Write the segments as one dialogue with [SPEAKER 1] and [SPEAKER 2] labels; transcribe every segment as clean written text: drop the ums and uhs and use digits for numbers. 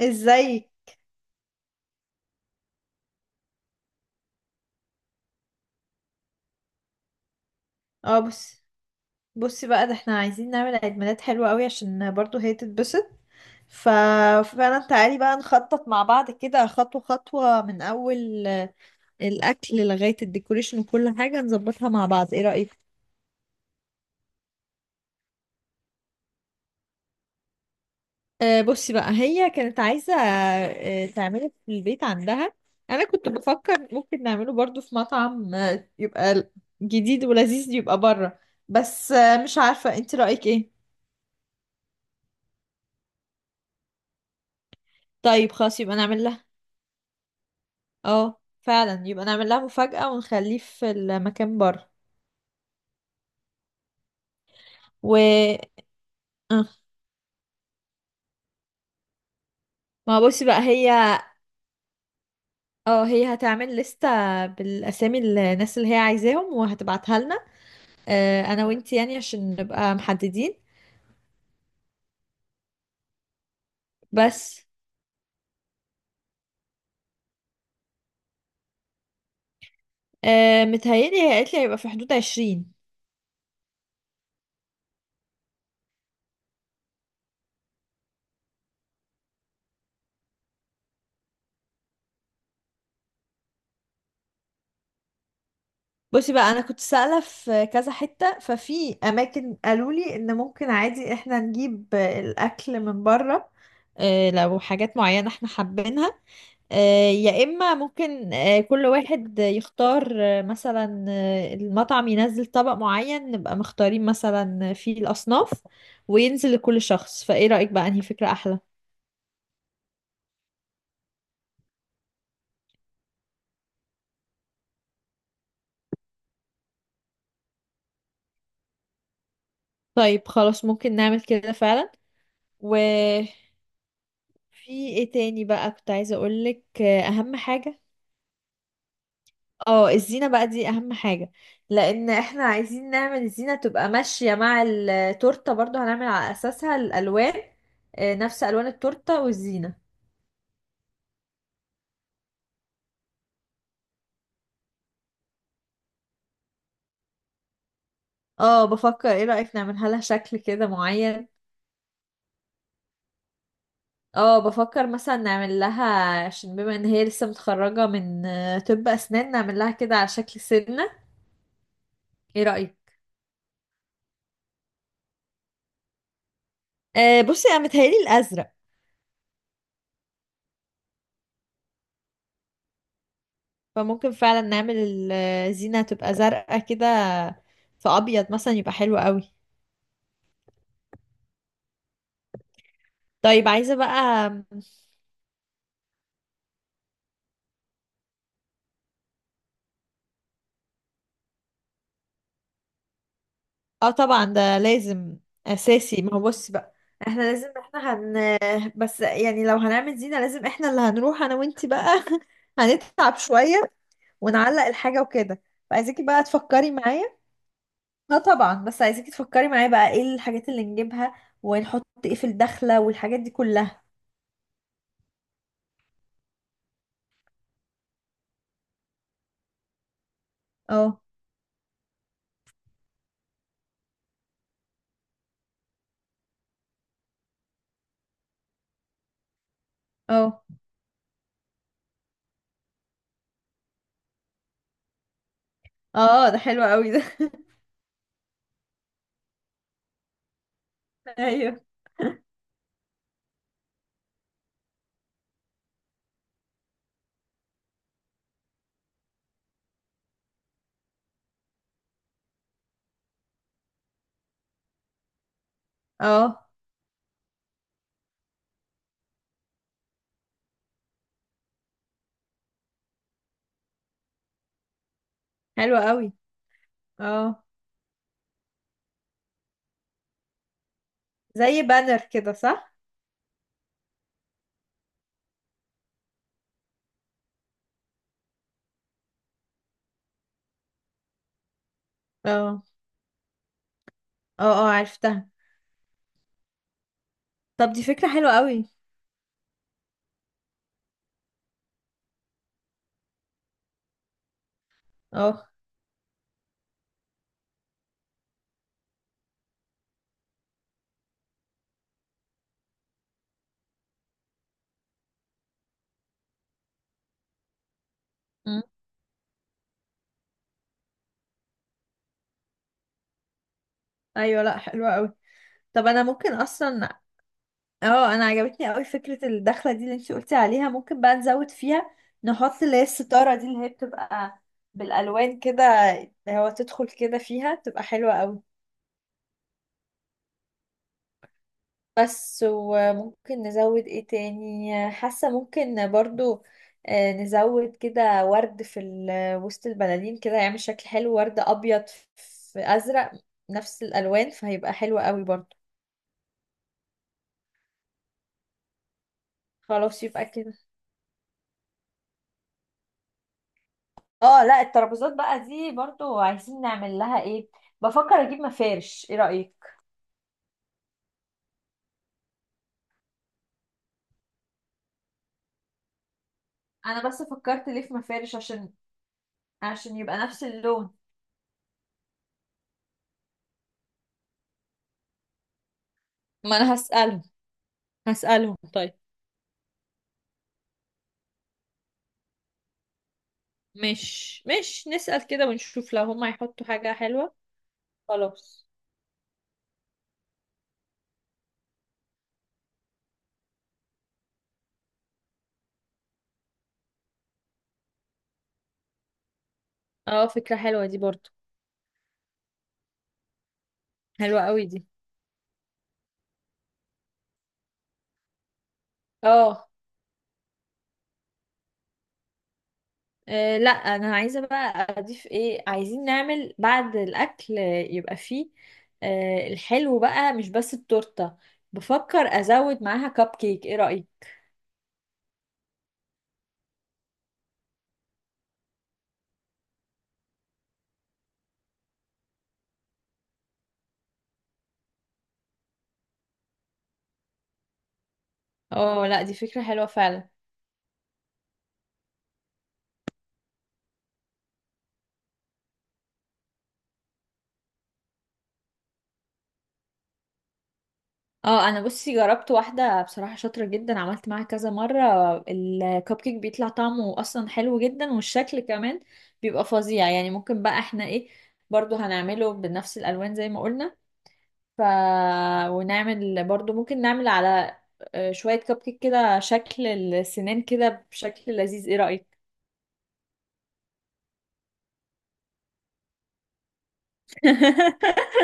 [SPEAKER 1] ازاي؟ اه بص بصي بقى، ده احنا عايزين نعمل عيد ميلاد حلو قوي عشان برضو هي تتبسط. ف... فعلا تعالي بقى نخطط مع بعض كده، خطوة خطوة، من أول الأكل لغاية الديكوريشن، وكل حاجة نظبطها مع بعض. ايه رأيك؟ بصي بقى، هي كانت عايزة تعمله في البيت عندها. أنا كنت بفكر ممكن نعمله برضو في مطعم يبقى جديد ولذيذ، يبقى بره. بس مش عارفة، انت رأيك ايه؟ طيب خلاص يبقى نعمل لها. اه فعلا يبقى نعمل لها مفاجأة ونخليه في المكان بره. و آه. ما هو بصي بقى هي، هتعمل لستة بالأسامي الناس اللي هي عايزاهم وهتبعتها لنا. أنا وانتي يعني عشان نبقى محددين. بس متهيألي هي قالت لي هيبقى في حدود 20. بصي بقى، أنا كنت سائلة في كذا حتة، ففي أماكن قالوا لي إن ممكن عادي إحنا نجيب الأكل من بره. لو حاجات معينة إحنا حابينها، يا إما ممكن كل واحد يختار مثلا المطعم ينزل طبق معين، نبقى مختارين مثلا فيه الأصناف، وينزل لكل شخص. فإيه رأيك بقى، أنهي فكرة أحلى؟ طيب خلاص، ممكن نعمل كده فعلا. وفي إيه تاني بقى كنت عايزة أقولك؟ أهم حاجة، اه، الزينة بقى، دي أهم حاجة. لأن احنا عايزين نعمل الزينة تبقى ماشية مع التورتة، برضو هنعمل على أساسها الألوان، نفس ألوان التورتة والزينة. اه بفكر، ايه رأيك نعملها لها شكل كده معين؟ اه بفكر مثلا نعمل لها، عشان بما ان هي لسه متخرجة من طب اسنان، نعمل لها كده على شكل سنة. ايه رأيك؟ بصي، انا متهيألي الازرق. فممكن فعلا نعمل الزينة تبقى زرقاء كده، في ابيض مثلا يبقى حلو قوي. طيب عايزة بقى. اه طبعا ده لازم اساسي. ما هو بصي بقى احنا لازم احنا هن بس يعني لو هنعمل زينة، لازم احنا اللي هنروح انا وانتي بقى هنتعب شوية ونعلق الحاجة وكده. فعايزاكي بقى تفكري معايا. اه طبعا، بس عايزاكي تفكري معايا بقى ايه الحاجات اللي نجيبها، ونحط ايه في الدخلة، والحاجات دي كلها. اه. اه. اه، ده حلو قوي ده ايوه. اه، حلو قوي. اه، زي بانر كده، صح؟ اه. اه. اه، عرفتها. طب دي فكرة حلوة قوي. اه. أمم. ايوه لا، حلوة قوي. طب انا ممكن اصلا، اه، انا عجبتني قوي فكرة الدخلة دي اللي انت قلتي عليها، ممكن بقى نزود فيها، نحط اللي هي الستارة دي اللي هي بتبقى بالالوان كده، اللي هو تدخل كده فيها تبقى حلوة قوي. بس، وممكن نزود ايه تاني؟ حاسة ممكن برضو نزود كده ورد في وسط البلالين، كده يعمل شكل حلو، ورد ابيض في ازرق، نفس الالوان، فهيبقى حلو قوي برضو. خلاص يبقى كده. اه لا، الترابيزات بقى دي برضو عايزين نعمل لها ايه؟ بفكر اجيب مفارش، ايه رأيك؟ انا بس فكرت ليه في مفارش عشان يبقى نفس اللون. ما انا هسألهم. هسألهم طيب، مش نسأل كده ونشوف لو هما هيحطوا حاجة حلوة. خلاص. اه فكرة حلوة دي برضو. حلوة قوي دي. اه. لا، انا عايزه بقى اضيف ايه؟ عايزين نعمل بعد الاكل يبقى فيه الحلو بقى، مش بس التورته. بفكر ازود معاها كب كيك، ايه رايك؟ اه لا، دي فكره حلوه فعلا. اه، انا بصي جربت واحده بصراحه شاطره جدا، عملت معاها كذا مره، الكب كيك بيطلع طعمه اصلا حلو جدا والشكل كمان بيبقى فظيع يعني. ممكن بقى احنا ايه، برضو هنعمله بنفس الالوان زي ما قلنا. ف ونعمل برضو، ممكن نعمل على شوية كب كيك كده شكل السنان كده بشكل لذيذ، ايه رأيك؟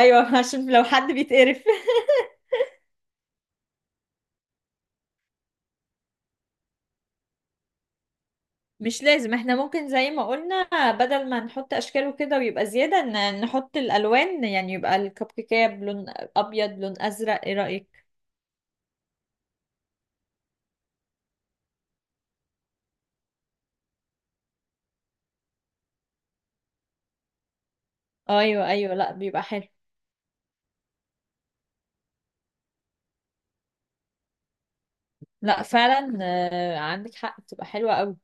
[SPEAKER 1] ايوه عشان لو حد بيتقرف. مش لازم، احنا ممكن زي ما قلنا، بدل ما نحط اشكاله كده ويبقى زيادة، نحط الالوان يعني، يبقى الكب كيكية بلون ابيض، لون ازرق. ايه رأيك؟ ايوه ايوه، لا، بيبقى حلو. لا فعلا، عندك حق، بتبقى حلوة قوي.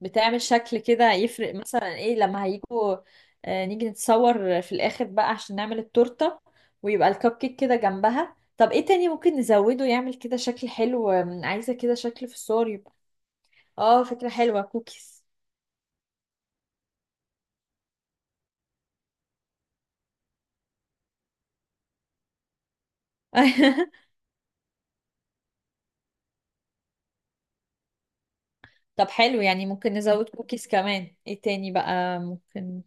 [SPEAKER 1] بتعمل شكل كده، يفرق مثلا ايه لما هيجوا نيجي نتصور في الاخر بقى عشان نعمل التورتة، ويبقى الكب كيك كده جنبها. طب ايه تاني ممكن نزوده يعمل كده شكل حلو؟ عايزة كده شكل في الصور يبقى. اه فكرة حلوة، كوكيز. طب حلو، يعني ممكن نزود كوكيز كمان. ايه تاني بقى ممكن؟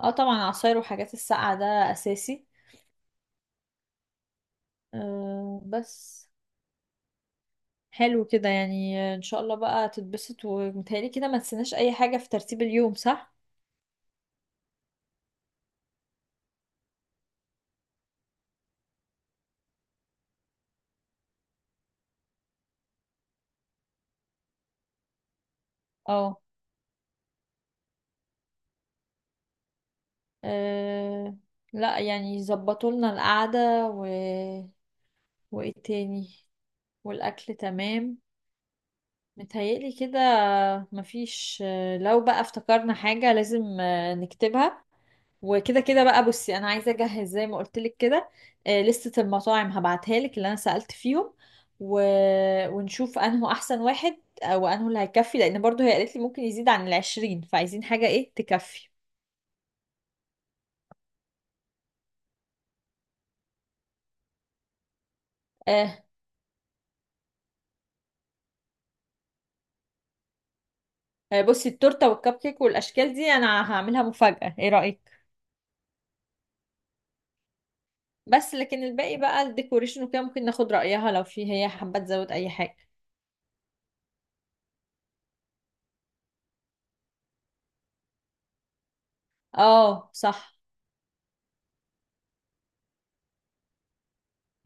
[SPEAKER 1] اه طبعا، عصاير وحاجات الساقعة ده اساسي. بس حلو كده، يعني ان شاء الله بقى تتبسط. ومتهيألي كده ما تنسيناش اي حاجة في ترتيب اليوم، صح؟ اه. آه، لا يعني، يظبطوا لنا القعدة وايه تاني، والاكل تمام. متهيألي كده، مفيش لو بقى افتكرنا حاجة لازم نكتبها. وكده كده بقى، بصي انا عايزة اجهز زي ما قلت لك كده، لستة المطاعم هبعتها لك اللي انا سألت فيهم، و... ونشوف انه احسن واحد او انه اللي هيكفي، لان برضو هي قالت لي ممكن يزيد عن 20، فعايزين حاجة ايه تكفي. آه، بصي التورته والكب كيك والاشكال دي انا هعملها مفاجاه، ايه رايك؟ بس لكن الباقي بقى الديكوريشن وكده ممكن ناخد رايها لو في هي حابه تزود اي حاجه. اه صح.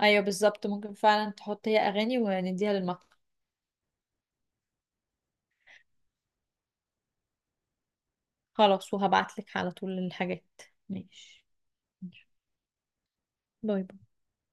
[SPEAKER 1] ايوه بالظبط، ممكن فعلا تحط هي اغاني ونديها للمطعم. خلاص، وهبعتلك على طول الحاجات. ماشي، باي باي.